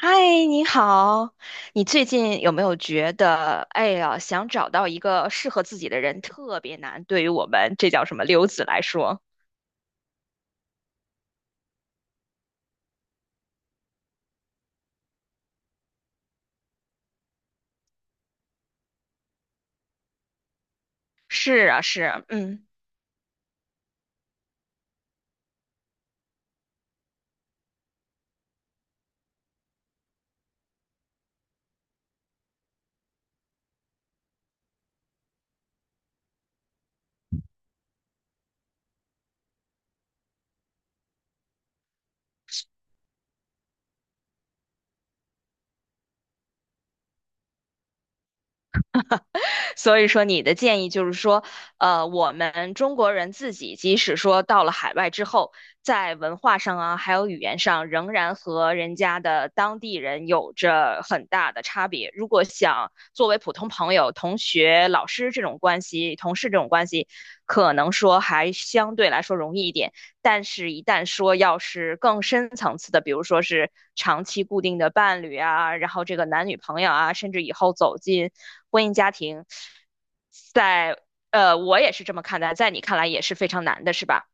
嗨，你好，你最近有没有觉得，哎呀，想找到一个适合自己的人特别难？对于我们这叫什么留子来说，是啊，是啊嗯。所以说，你的建议就是说，我们中国人自己，即使说到了海外之后，在文化上啊，还有语言上，仍然和人家的当地人有着很大的差别。如果想作为普通朋友、同学、老师这种关系、同事这种关系，可能说还相对来说容易一点。但是，一旦说要是更深层次的，比如说是长期固定的伴侣啊，然后这个男女朋友啊，甚至以后走进婚姻家庭，在我也是这么看待，在你看来也是非常难的，是吧？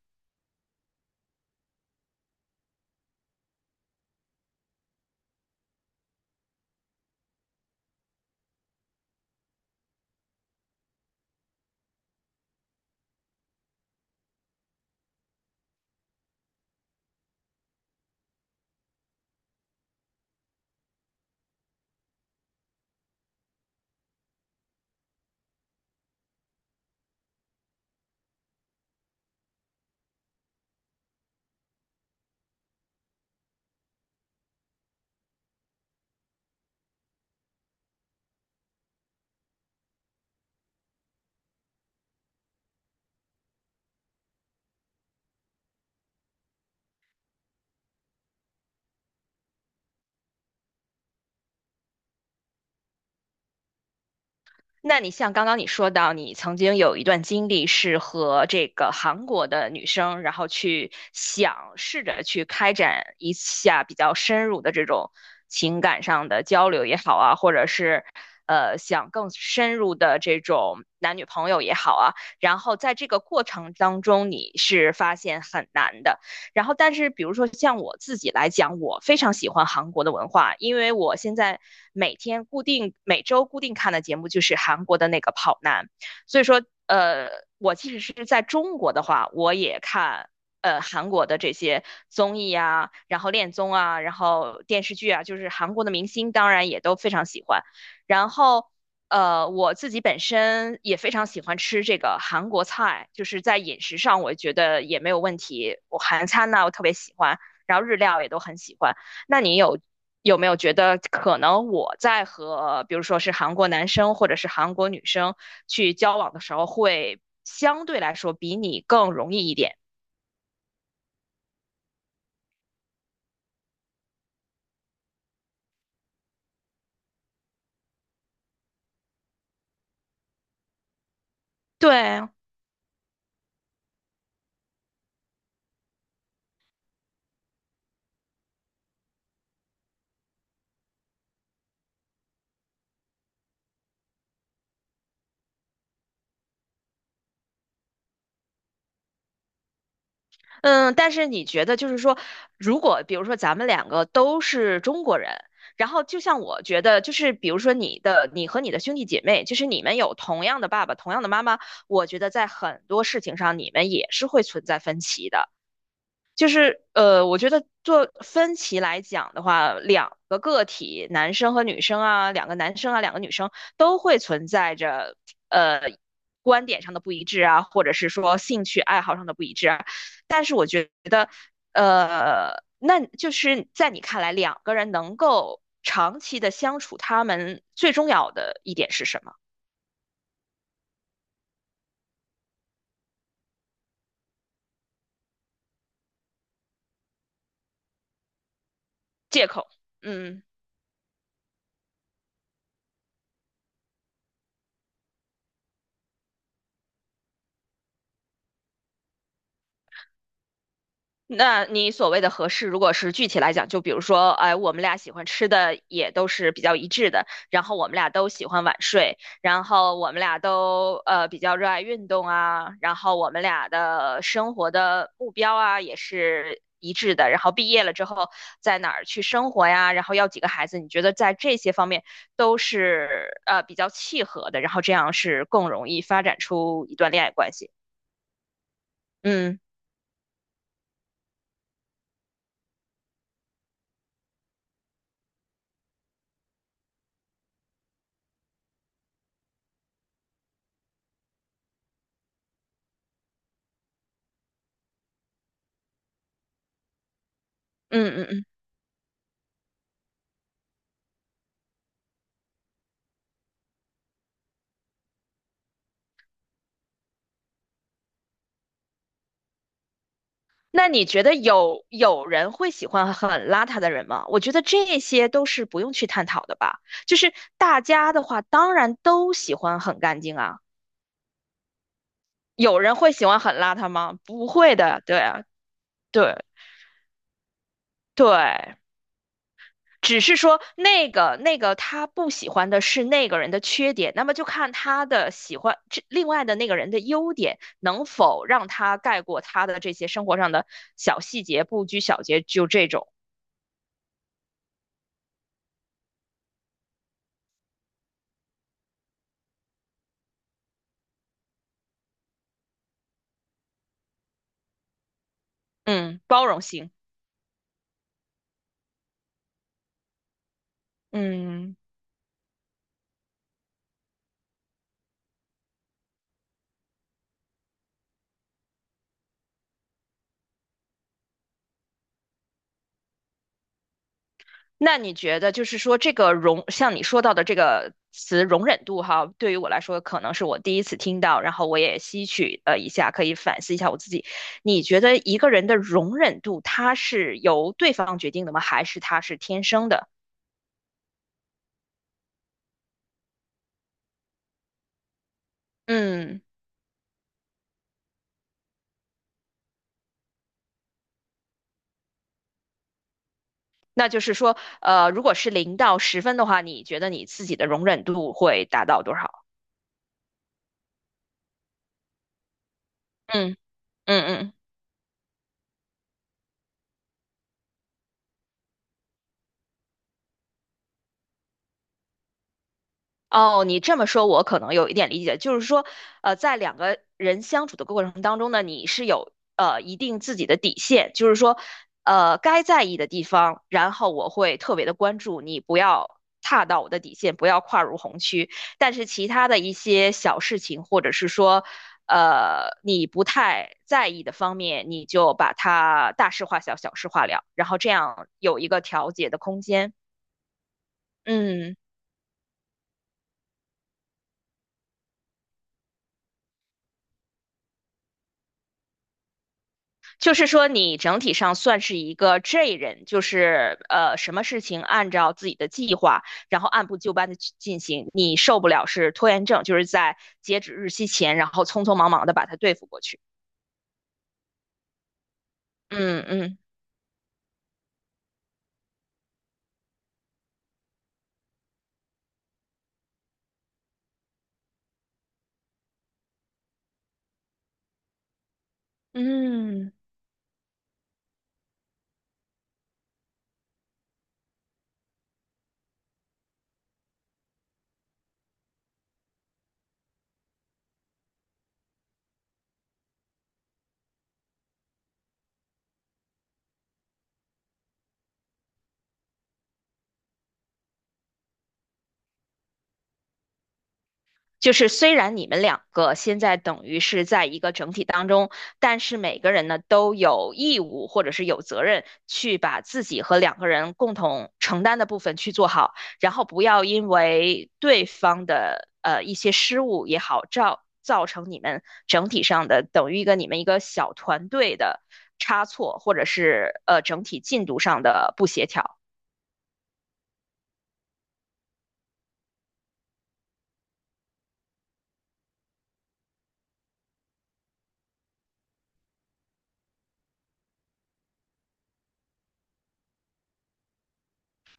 那你像刚刚你说到，你曾经有一段经历是和这个韩国的女生，然后去想试着去开展一下比较深入的这种情感上的交流也好啊，或者是想更深入的这种男女朋友也好啊，然后在这个过程当中，你是发现很难的。然后，但是比如说像我自己来讲，我非常喜欢韩国的文化，因为我现在每天固定、每周固定看的节目就是韩国的那个《跑男》，所以说，我即使是在中国的话，我也看。韩国的这些综艺啊，然后恋综啊，然后电视剧啊，就是韩国的明星，当然也都非常喜欢。然后我自己本身也非常喜欢吃这个韩国菜，就是在饮食上我觉得也没有问题。我韩餐呢，我特别喜欢，然后日料也都很喜欢。那你有没有觉得可能我在和比如说是韩国男生或者是韩国女生去交往的时候，会相对来说比你更容易一点？对，嗯，但是你觉得就是说，如果比如说咱们两个都是中国人，然后就像我觉得，就是比如说你的，你和你的兄弟姐妹，就是你们有同样的爸爸、同样的妈妈，我觉得在很多事情上你们也是会存在分歧的。就是我觉得做分歧来讲的话，两个个体，男生和女生啊，两个男生啊，两个女生都会存在着呃观点上的不一致啊，或者是说兴趣爱好上的不一致啊。但是我觉得，那就是在你看来，两个人能够长期的相处，他们最重要的一点是什么？借口，嗯。那你所谓的合适，如果是具体来讲，就比如说，哎，我们俩喜欢吃的也都是比较一致的，然后我们俩都喜欢晚睡，然后我们俩都比较热爱运动啊，然后我们俩的生活的目标啊也是一致的，然后毕业了之后在哪儿去生活呀，然后要几个孩子，你觉得在这些方面都是比较契合的，然后这样是更容易发展出一段恋爱关系。嗯嗯嗯嗯。那你觉得有人会喜欢很邋遢的人吗？我觉得这些都是不用去探讨的吧。就是大家的话，当然都喜欢很干净啊。有人会喜欢很邋遢吗？不会的，对啊，对对，只是说那个他不喜欢的是那个人的缺点，那么就看他的喜欢这另外的那个人的优点能否让他盖过他的这些生活上的小细节、不拘小节，就这种，嗯，包容性，嗯。那你觉得就是说这个容，像你说到的这个词容忍度哈，对于我来说可能是我第一次听到，然后我也吸取了一下，可以反思一下我自己。你觉得一个人的容忍度，它是由对方决定的吗？还是他是天生的？嗯，那就是说，如果是零到十分的话，你觉得你自己的容忍度会达到多少？嗯嗯嗯。哦，你这么说，我可能有一点理解，就是说，在两个人相处的过程当中呢，你是有一定自己的底线，就是说，该在意的地方，然后我会特别的关注你，不要踏到我的底线，不要跨入红区。但是其他的一些小事情，或者是说，你不太在意的方面，你就把它大事化小，小事化了，然后这样有一个调节的空间。嗯。就是说，你整体上算是一个 J 人，就是什么事情按照自己的计划，然后按部就班的去进行。你受不了是拖延症，就是在截止日期前，然后匆匆忙忙的把它对付过去。嗯嗯嗯。就是虽然你们两个现在等于是在一个整体当中，但是每个人呢都有义务或者是有责任去把自己和两个人共同承担的部分去做好，然后不要因为对方的一些失误也好，造成你们整体上的等于一个你们一个小团队的差错，或者是整体进度上的不协调。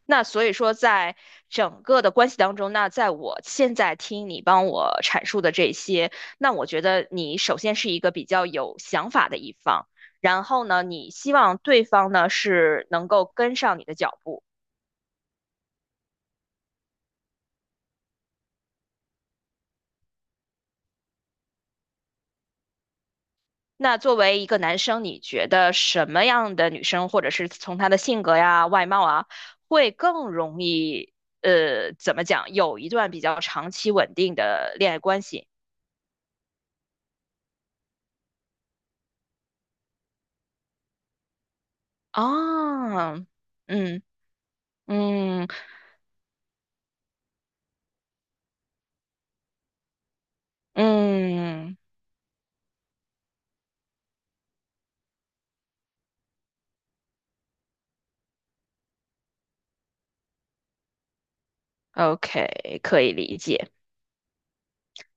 那所以说，在整个的关系当中，那在我现在听你帮我阐述的这些，那我觉得你首先是一个比较有想法的一方，然后呢，你希望对方呢是能够跟上你的脚步。那作为一个男生，你觉得什么样的女生，或者是从她的性格呀、外貌啊，会更容易怎么讲，有一段比较长期稳定的恋爱关系？啊，嗯嗯。嗯，OK，可以理解。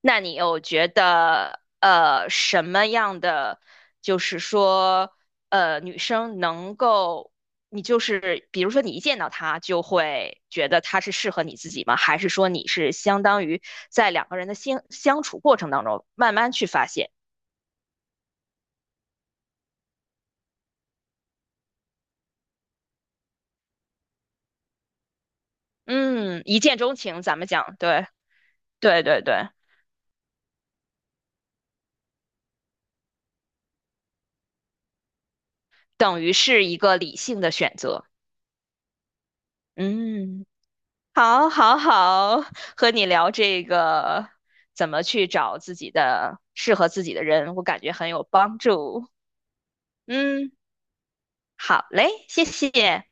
那你又觉得什么样的，就是说女生能够，你就是比如说你一见到她就会觉得她是适合你自己吗？还是说你是相当于在两个人的相处过程当中慢慢去发现，嗯，一见钟情，咱们讲，对对对对，等于是一个理性的选择，嗯。好，好，好，和你聊这个怎么去找自己的适合自己的人，我感觉很有帮助。嗯，好嘞，谢谢。